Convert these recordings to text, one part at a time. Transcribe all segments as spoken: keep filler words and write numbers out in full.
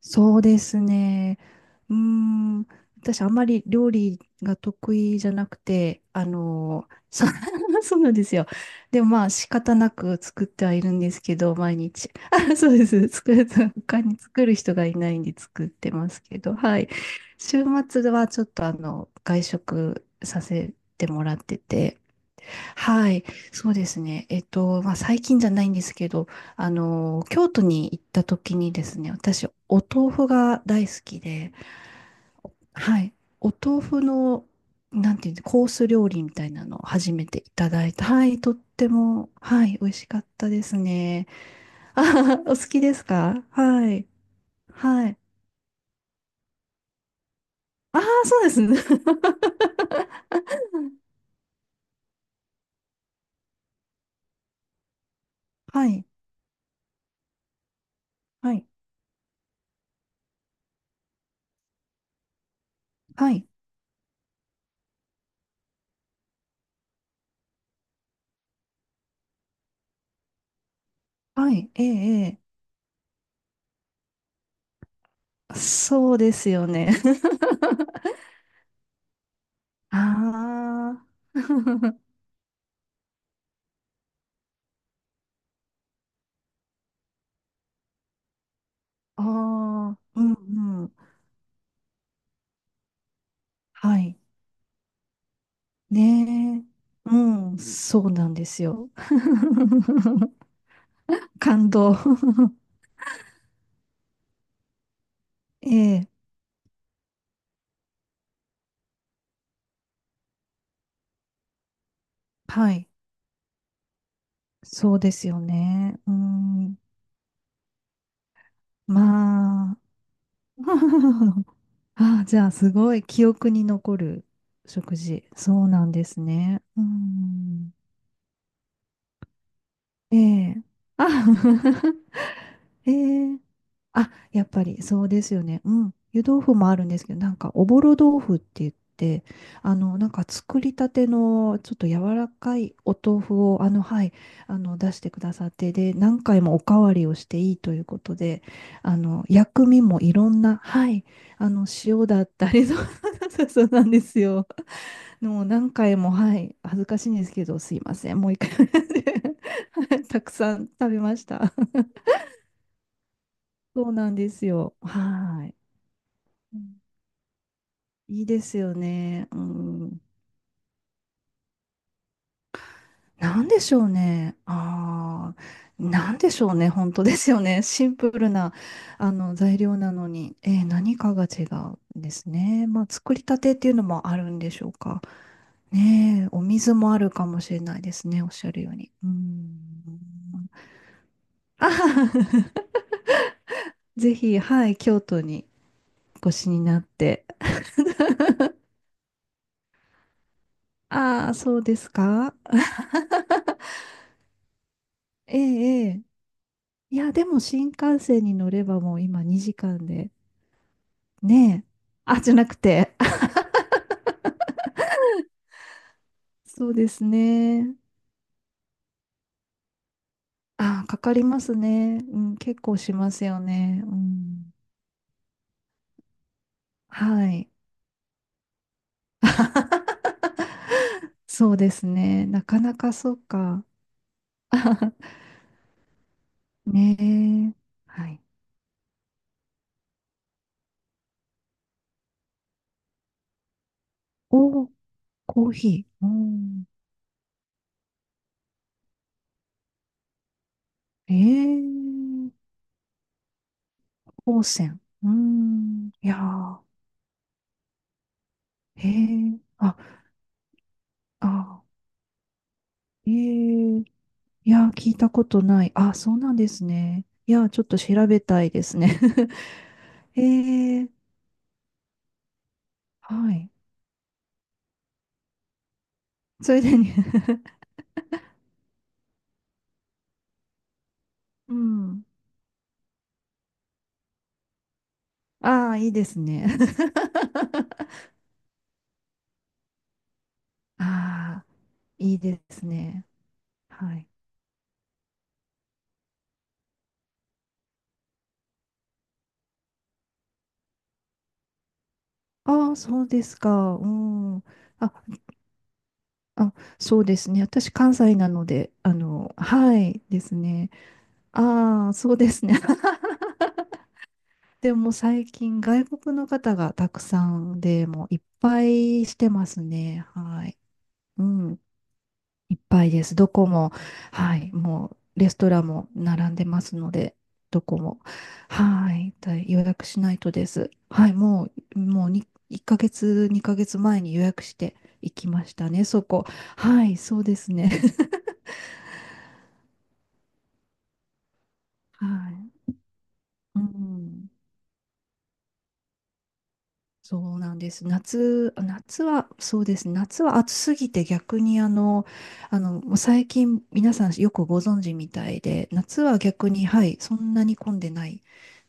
そうですね。うーん、私あんまり料理が得意じゃなくて、あの、そ、そうなんですよ。でもまあ仕方なく作ってはいるんですけど、毎日。あ、そうです。作る、他に作る人がいないんで作ってますけど、はい。週末はちょっとあの、外食させてもらってて、はい。そうですね。えっと、まあ最近じゃないんですけど、あの、京都に行った時にですね、私、お豆腐が大好きで、はい、お豆腐の、なんていうの、コース料理みたいなのを初めていただいた。はい、とっても、はい、美味しかったですね。あはは、お好きですか。はい、はい。ああ、そうですね。はい、はい、はい、はい、ええ、ええ。そうですよね。ああ、ああ、うん、うん。はい。ねえ。うん、そうなんですよ。感動。ええ、はい。そうですよね。うん、まあ。ああ、じゃあ、すごい記憶に残る食事。そうなんですね。うん。ええ。あ、ええ。あ、やっぱりそうですよね。うん。湯豆腐もあるんですけど、なんかおぼろ豆腐って言って、あの、なんか作りたてのちょっと柔らかいお豆腐を、あの、はい、あの、出してくださって、で、何回もおかわりをしていいということで、あの、薬味もいろんな、はい、あの、塩だったり、そう、そうそうなんですよ。もう何回も、はい、恥ずかしいんですけど、すいません、もう一回 はいたくさん食べました。そうなんですよ。はい。うん、いいですよね。うん。なんでしょうね。ああ、なんでしょうね。本当ですよね。シンプルな、あの、材料なのに、えー何かが違うんですね。まあ、作りたてっていうのもあるんでしょうか。ねえ、お水もあるかもしれないですね。おっしゃるように。うん。あはは、ぜひ、はい、京都にお越しになって。ああ、そうですか。ええ、ええ。いや、でも新幹線に乗ればもう今にじかんで。ねえ。あ、じゃなくて。そうですね。ああ、かかりますね。うん、結構しますよね。うん。はい。そうですね。なかなかそうか。ねえ。はい。お、コーヒー。うん。ええ、高専。うーん。いやー、へえ。あ、あ、ええ。いやー、聞いたことない。あ、そうなんですね。いやー、ちょっと調べたいですね。へえ。はい。それでね。 うん。ああ、いいですね。ああ、いいですね。はい。ああ、そうですか。うん。あ、あ、そうですね。私、関西なので、あの、はいですね。ああ、そうですね。でも最近外国の方がたくさんでもういっぱいしてますね。はい。うん。いっぱいです。どこも、はい。もうレストランも並んでますので、どこも。はい。大予約しないとです。はい。もう、もうにいっかげつ、にかげつまえに予約して行きましたね、そこ。はい。そうですね。はい。うん。そうなんです。夏、夏は、そうですね。夏は暑すぎて逆にあの、あの、もう最近皆さんよくご存知みたいで、夏は逆に、はい、そんなに混んでない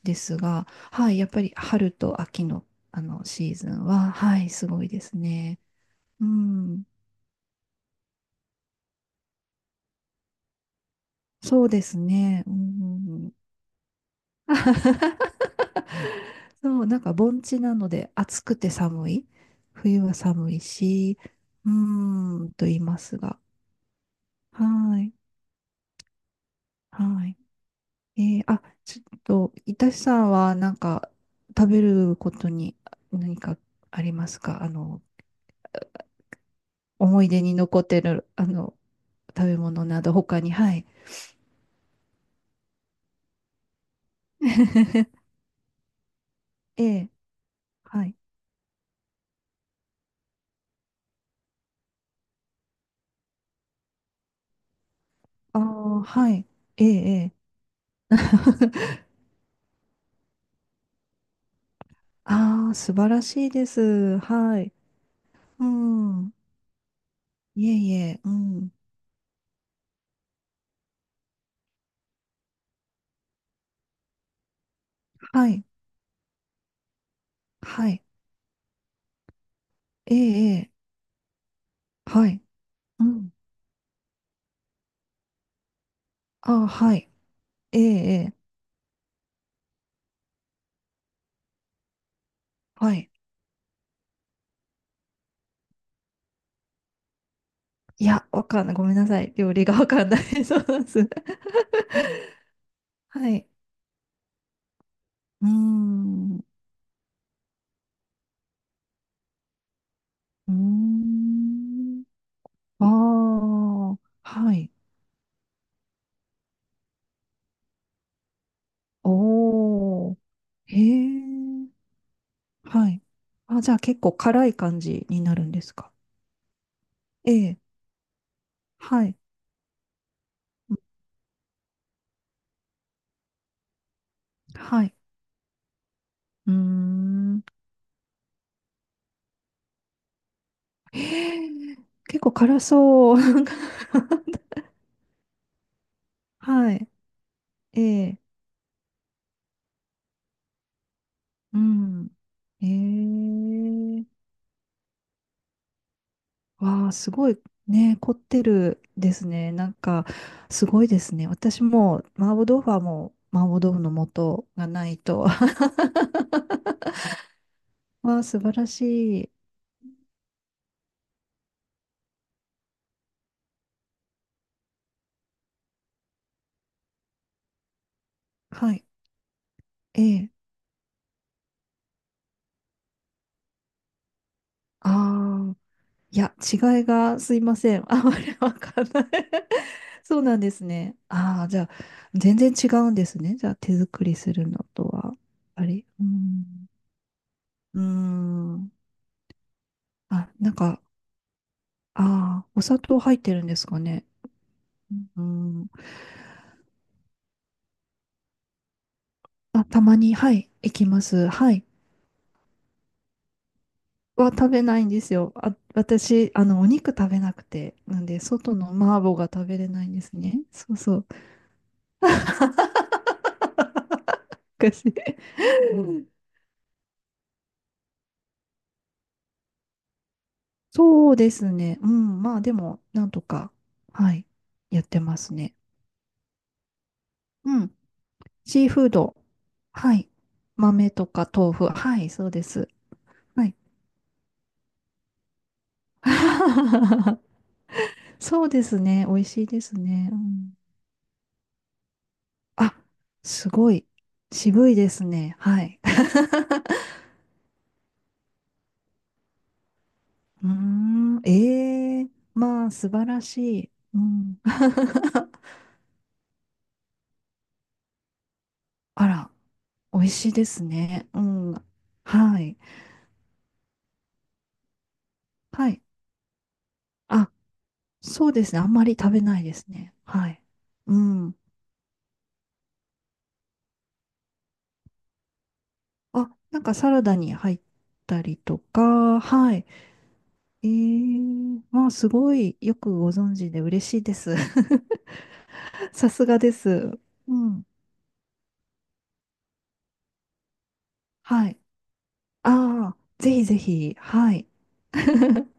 ですが、はい、やっぱり春と秋の、あのシーズンは、はい、すごいですね。うん、そうですね。うん、そう、なんか盆地なので暑くて寒い。冬は寒いし、うーん、と言いますが。はい。はい。えーあ、ちょっと、いたしさんは、なんか、食べることに何かありますか。あの、思い出に残ってる、あの、食べ物など、他に、はい。ええ、はい。ああ、はい。ええ、ええ。ああ、素晴らしいです。はい。うん。いえいえ、うん。はい。はい。ええ、ええ。はい。うん。ああ、はい。ええ、ええ。はい。いや、わかんない。ごめんなさい。料理がわかんない。そうなんです。はい。うーん。うーん。ああ、はい。おー。へえ。はい。あ、じゃあ結構辛い感じになるんですか。ええ。はい。はい。うーん。へえ。結構辛そう。はい。ええ。うん。ええ。わあ、すごいね、凝ってるですね。なんか、すごいですね。私も、麻婆豆腐はもう、麻婆豆腐の素がないと。わあ、素晴らしい。はい。ええ。ああ、いや、違いが、すいません。あまりわかんない。 そうなんですね。ああ、じゃあ、全然違うんですね。じゃあ、手作りするのとは。あり、うん。うーん。あ、なんか、ああ、お砂糖入ってるんですかね。うん。あ、たまに、はい、行きます。はい。は食べないんですよ。あ、私、あの、お肉食べなくて、なんで、外の麻婆が食べれないんですね。そうそう。昔。うん、そうですね。うん。まあ、でも、なんとか、はい、やってますね。うん。シーフード。はい。豆とか豆腐。はい、そうです。はい。そうですね。美味しいですね。うん、あ、すごい。渋いですね。はい。うーん、ええまあ、素晴らしい。うん。あら、美味しいですね。うん。はい。はい。あ、そうですね。あんまり食べないですね。はい。うん。あ、なんかサラダに入ったりとか、はい。ええ、まあ、すごいよくご存知で嬉しいです。さすがです。うん。はい。ああ、ぜひぜひ、はい。